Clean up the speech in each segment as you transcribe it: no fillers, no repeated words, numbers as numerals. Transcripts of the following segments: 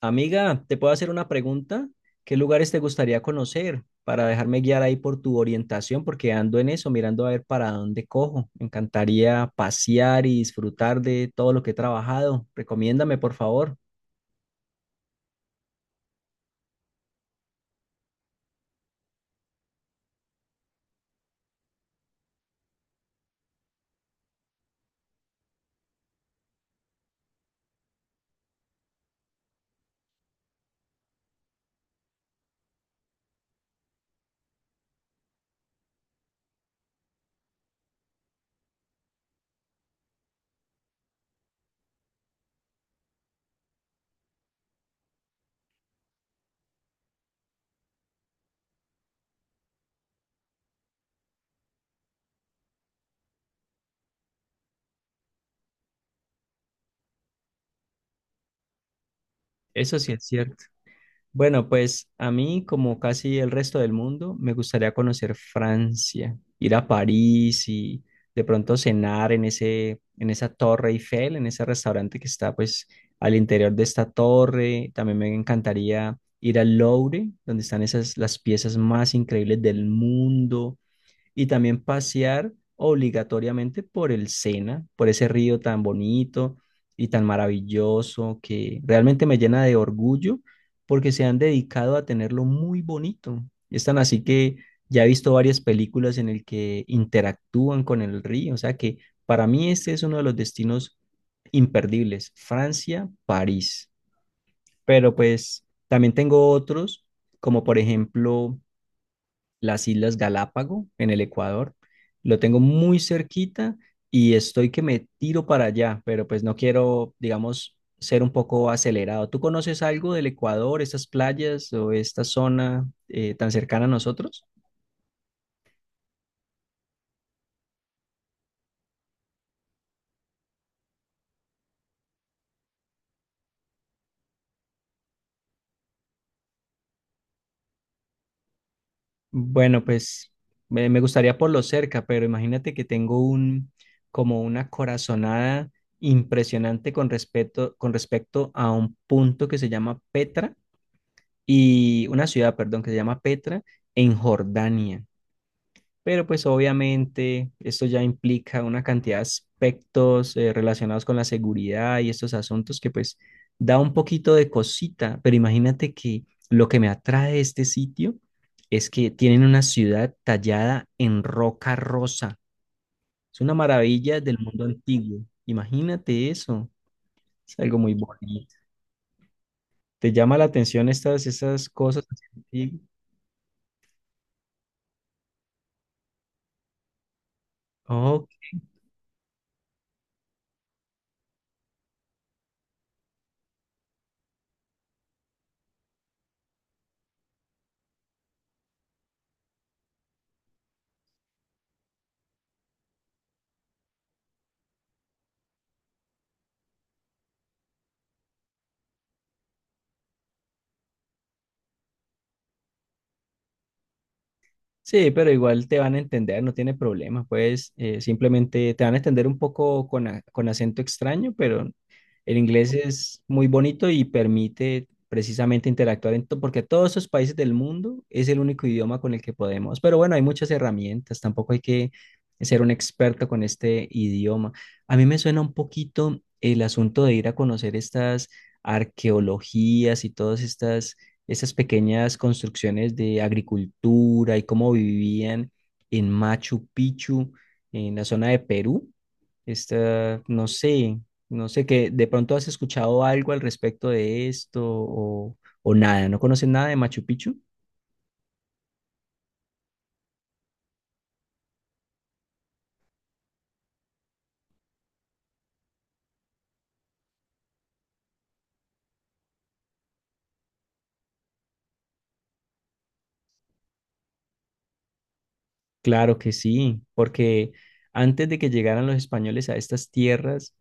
Amiga, ¿te puedo hacer una pregunta? ¿Qué lugares te gustaría conocer para dejarme guiar ahí por tu orientación? Porque ando en eso, mirando a ver para dónde cojo. Me encantaría pasear y disfrutar de todo lo que he trabajado. Recomiéndame, por favor. Eso sí es cierto. Bueno, pues a mí, como casi el resto del mundo, me gustaría conocer Francia, ir a París y de pronto cenar en esa Torre Eiffel, en ese restaurante que está pues al interior de esta torre. También me encantaría ir al Louvre, donde están esas las piezas más increíbles del mundo y también pasear obligatoriamente por el Sena, por ese río tan bonito y tan maravilloso que realmente me llena de orgullo porque se han dedicado a tenerlo muy bonito. Es tan así que ya he visto varias películas en el que interactúan con el río, o sea que para mí este es uno de los destinos imperdibles, Francia, París. Pero pues también tengo otros, como por ejemplo las Islas Galápago en el Ecuador. Lo tengo muy cerquita y estoy que me tiro para allá, pero pues no quiero, digamos, ser un poco acelerado. ¿Tú conoces algo del Ecuador, estas playas o esta zona tan cercana a nosotros? Bueno, pues me gustaría por lo cerca, pero imagínate que tengo un como una corazonada impresionante con respecto a un punto que se llama Petra y una ciudad, perdón, que se llama Petra en Jordania. Pero pues obviamente esto ya implica una cantidad de aspectos relacionados con la seguridad y estos asuntos que pues da un poquito de cosita, pero imagínate que lo que me atrae de este sitio es que tienen una ciudad tallada en roca rosa. Es una maravilla del mundo antiguo. Imagínate eso. Es algo muy bonito. ¿Te llama la atención esas cosas así antiguas? Sí, pero igual te van a entender, no tiene problema, pues simplemente te van a entender un poco con acento extraño, pero el inglés es muy bonito y permite precisamente interactuar porque todos esos países del mundo es el único idioma con el que podemos. Pero bueno, hay muchas herramientas, tampoco hay que ser un experto con este idioma. A mí me suena un poquito el asunto de ir a conocer estas arqueologías y todas estas esas pequeñas construcciones de agricultura y cómo vivían en Machu Picchu, en la zona de Perú. Esta, no sé que de pronto has escuchado algo al respecto de esto o nada, ¿no conoces nada de Machu Picchu? Claro que sí, porque antes de que llegaran los españoles a estas tierras,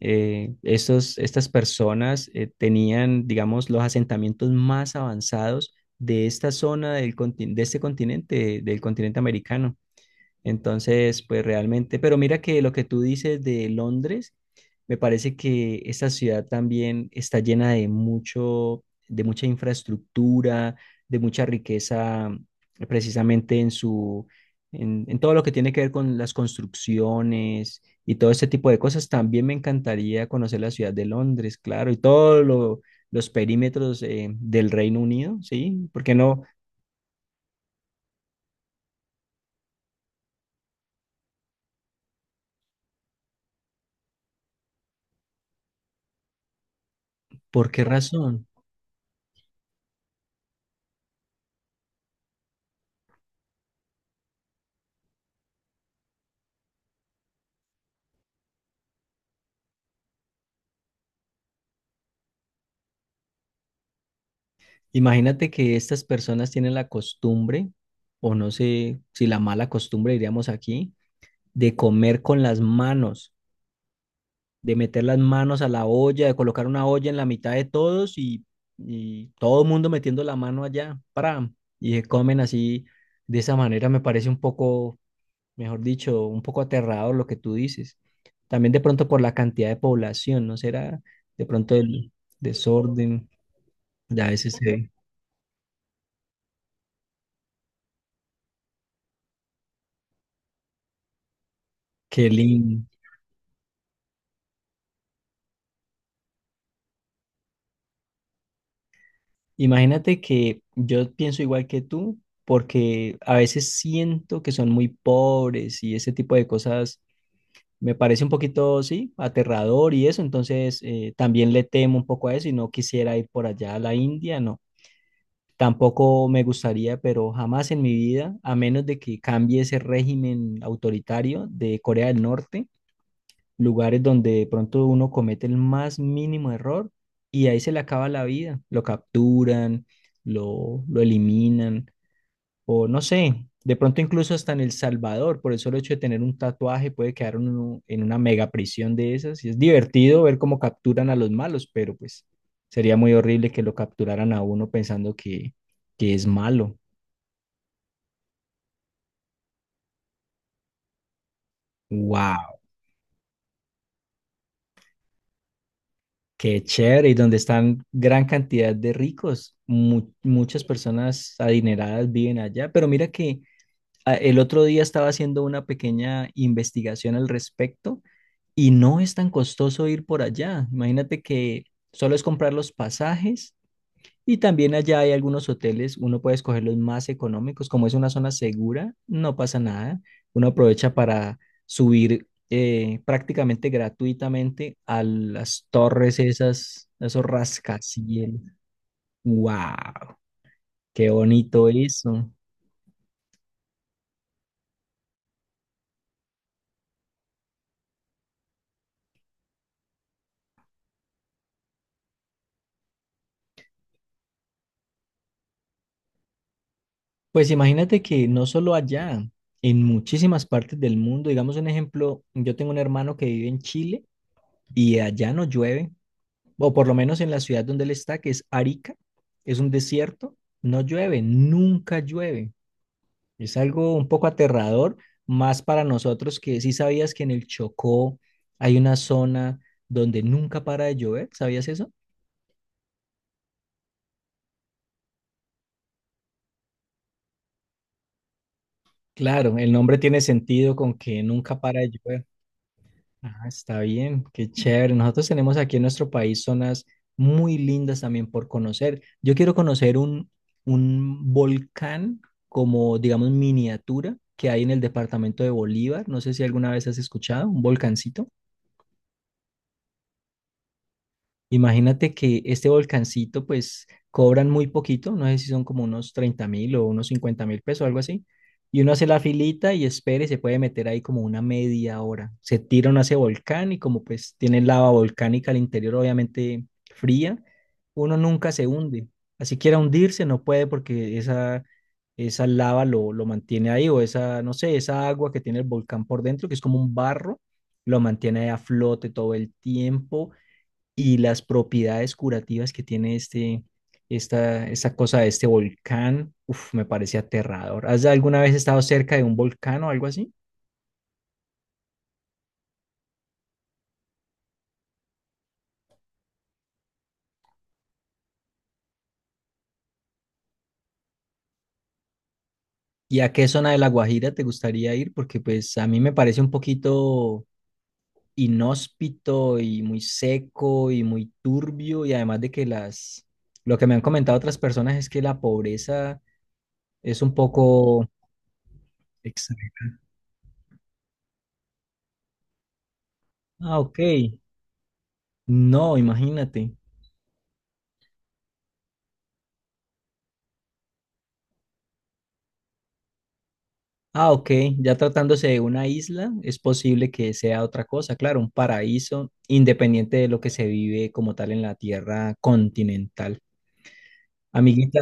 estas personas tenían, digamos, los asentamientos más avanzados de esta zona de este continente, del continente americano. Entonces, pues realmente, pero mira que lo que tú dices de Londres, me parece que esta ciudad también está llena de mucho, de mucha infraestructura, de mucha riqueza, precisamente en todo lo que tiene que ver con las construcciones y todo este tipo de cosas. También me encantaría conocer la ciudad de Londres, claro, y todos los perímetros del Reino Unido, ¿sí? ¿Por qué no? ¿Por qué razón? Imagínate que estas personas tienen la costumbre, o no sé si la mala costumbre diríamos aquí, de comer con las manos, de meter las manos a la olla, de colocar una olla en la mitad de todos y todo el mundo metiendo la mano allá, y se comen así, de esa manera me parece un poco, mejor dicho, un poco aterrador lo que tú dices. También de pronto por la cantidad de población, ¿no será? De pronto el desorden, ya a veces se... Qué lindo. Imagínate que yo pienso igual que tú, porque a veces siento que son muy pobres y ese tipo de cosas me parece un poquito, sí, aterrador y eso, entonces también le temo un poco a eso y no quisiera ir por allá a la India, no. Tampoco me gustaría, pero jamás en mi vida, a menos de que cambie ese régimen autoritario de Corea del Norte lugares donde de pronto uno comete el más mínimo error y ahí se le acaba la vida. Lo capturan, lo eliminan, o no sé, de pronto incluso hasta en El Salvador, por el solo hecho de tener un tatuaje, puede quedar uno en una mega prisión de esas. Y es divertido ver cómo capturan a los malos, pero pues sería muy horrible que lo capturaran a uno pensando que es malo. ¡Wow! Qué chévere, y donde están gran cantidad de ricos. Muchas personas adineradas viven allá, pero mira que ah, el otro día estaba haciendo una pequeña investigación al respecto y no es tan costoso ir por allá. Imagínate que solo es comprar los pasajes y también allá hay algunos hoteles, uno puede escoger los más económicos, como es una zona segura, no pasa nada, uno aprovecha para subir prácticamente gratuitamente a las torres esas, a esos rascacielos. ¡Wow! ¡Qué bonito eso! Pues imagínate que no solo allá, en muchísimas partes del mundo, digamos un ejemplo, yo tengo un hermano que vive en Chile y allá no llueve, o por lo menos en la ciudad donde él está, que es Arica, es un desierto, no llueve, nunca llueve. Es algo un poco aterrador, más para nosotros que sí sabías que en el Chocó hay una zona donde nunca para de llover, ¿sabías eso? Claro, el nombre tiene sentido con que nunca para de llover. Ah, está bien, qué chévere. Nosotros tenemos aquí en nuestro país zonas muy lindas también por conocer. Yo quiero conocer un volcán como, digamos, miniatura que hay en el departamento de Bolívar. No sé si alguna vez has escuchado, un volcancito. Imagínate que este volcancito, pues cobran muy poquito, no sé si son como unos 30.000 o unos 50.000 pesos, algo así. Y uno hace la filita y espera y se puede meter ahí como una media hora. Se tira uno a ese volcán y como pues tiene lava volcánica al interior, obviamente fría, uno nunca se hunde. Así quiera hundirse, no puede porque esa lava lo mantiene ahí o esa, no sé, esa agua que tiene el volcán por dentro, que es como un barro, lo mantiene ahí a flote todo el tiempo y las propiedades curativas que tiene este, esta cosa de este volcán, uf, me parece aterrador. ¿Has alguna vez estado cerca de un volcán o algo así? ¿Y a qué zona de La Guajira te gustaría ir? Porque pues a mí me parece un poquito inhóspito y muy seco y muy turbio y además de que lo que me han comentado otras personas es que la pobreza es un poco extrema. Ah, ok. No, imagínate. Ah, ok, ya tratándose de una isla, es posible que sea otra cosa, claro, un paraíso independiente de lo que se vive como tal en la tierra continental. Amiguita,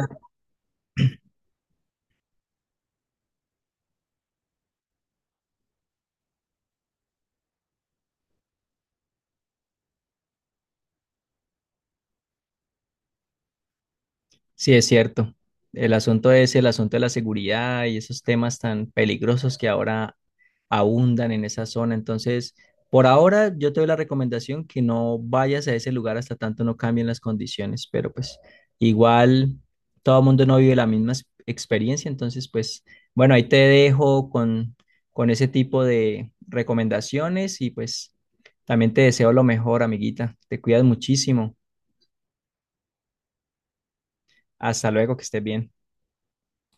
sí es cierto. El asunto es el asunto de la seguridad y esos temas tan peligrosos que ahora abundan en esa zona. Entonces, por ahora yo te doy la recomendación que no vayas a ese lugar hasta tanto no cambien las condiciones, pero pues igual todo el mundo no vive la misma experiencia, entonces pues bueno, ahí te dejo con ese tipo de recomendaciones y pues también te deseo lo mejor, amiguita. Te cuidas muchísimo. Hasta luego, que estés bien.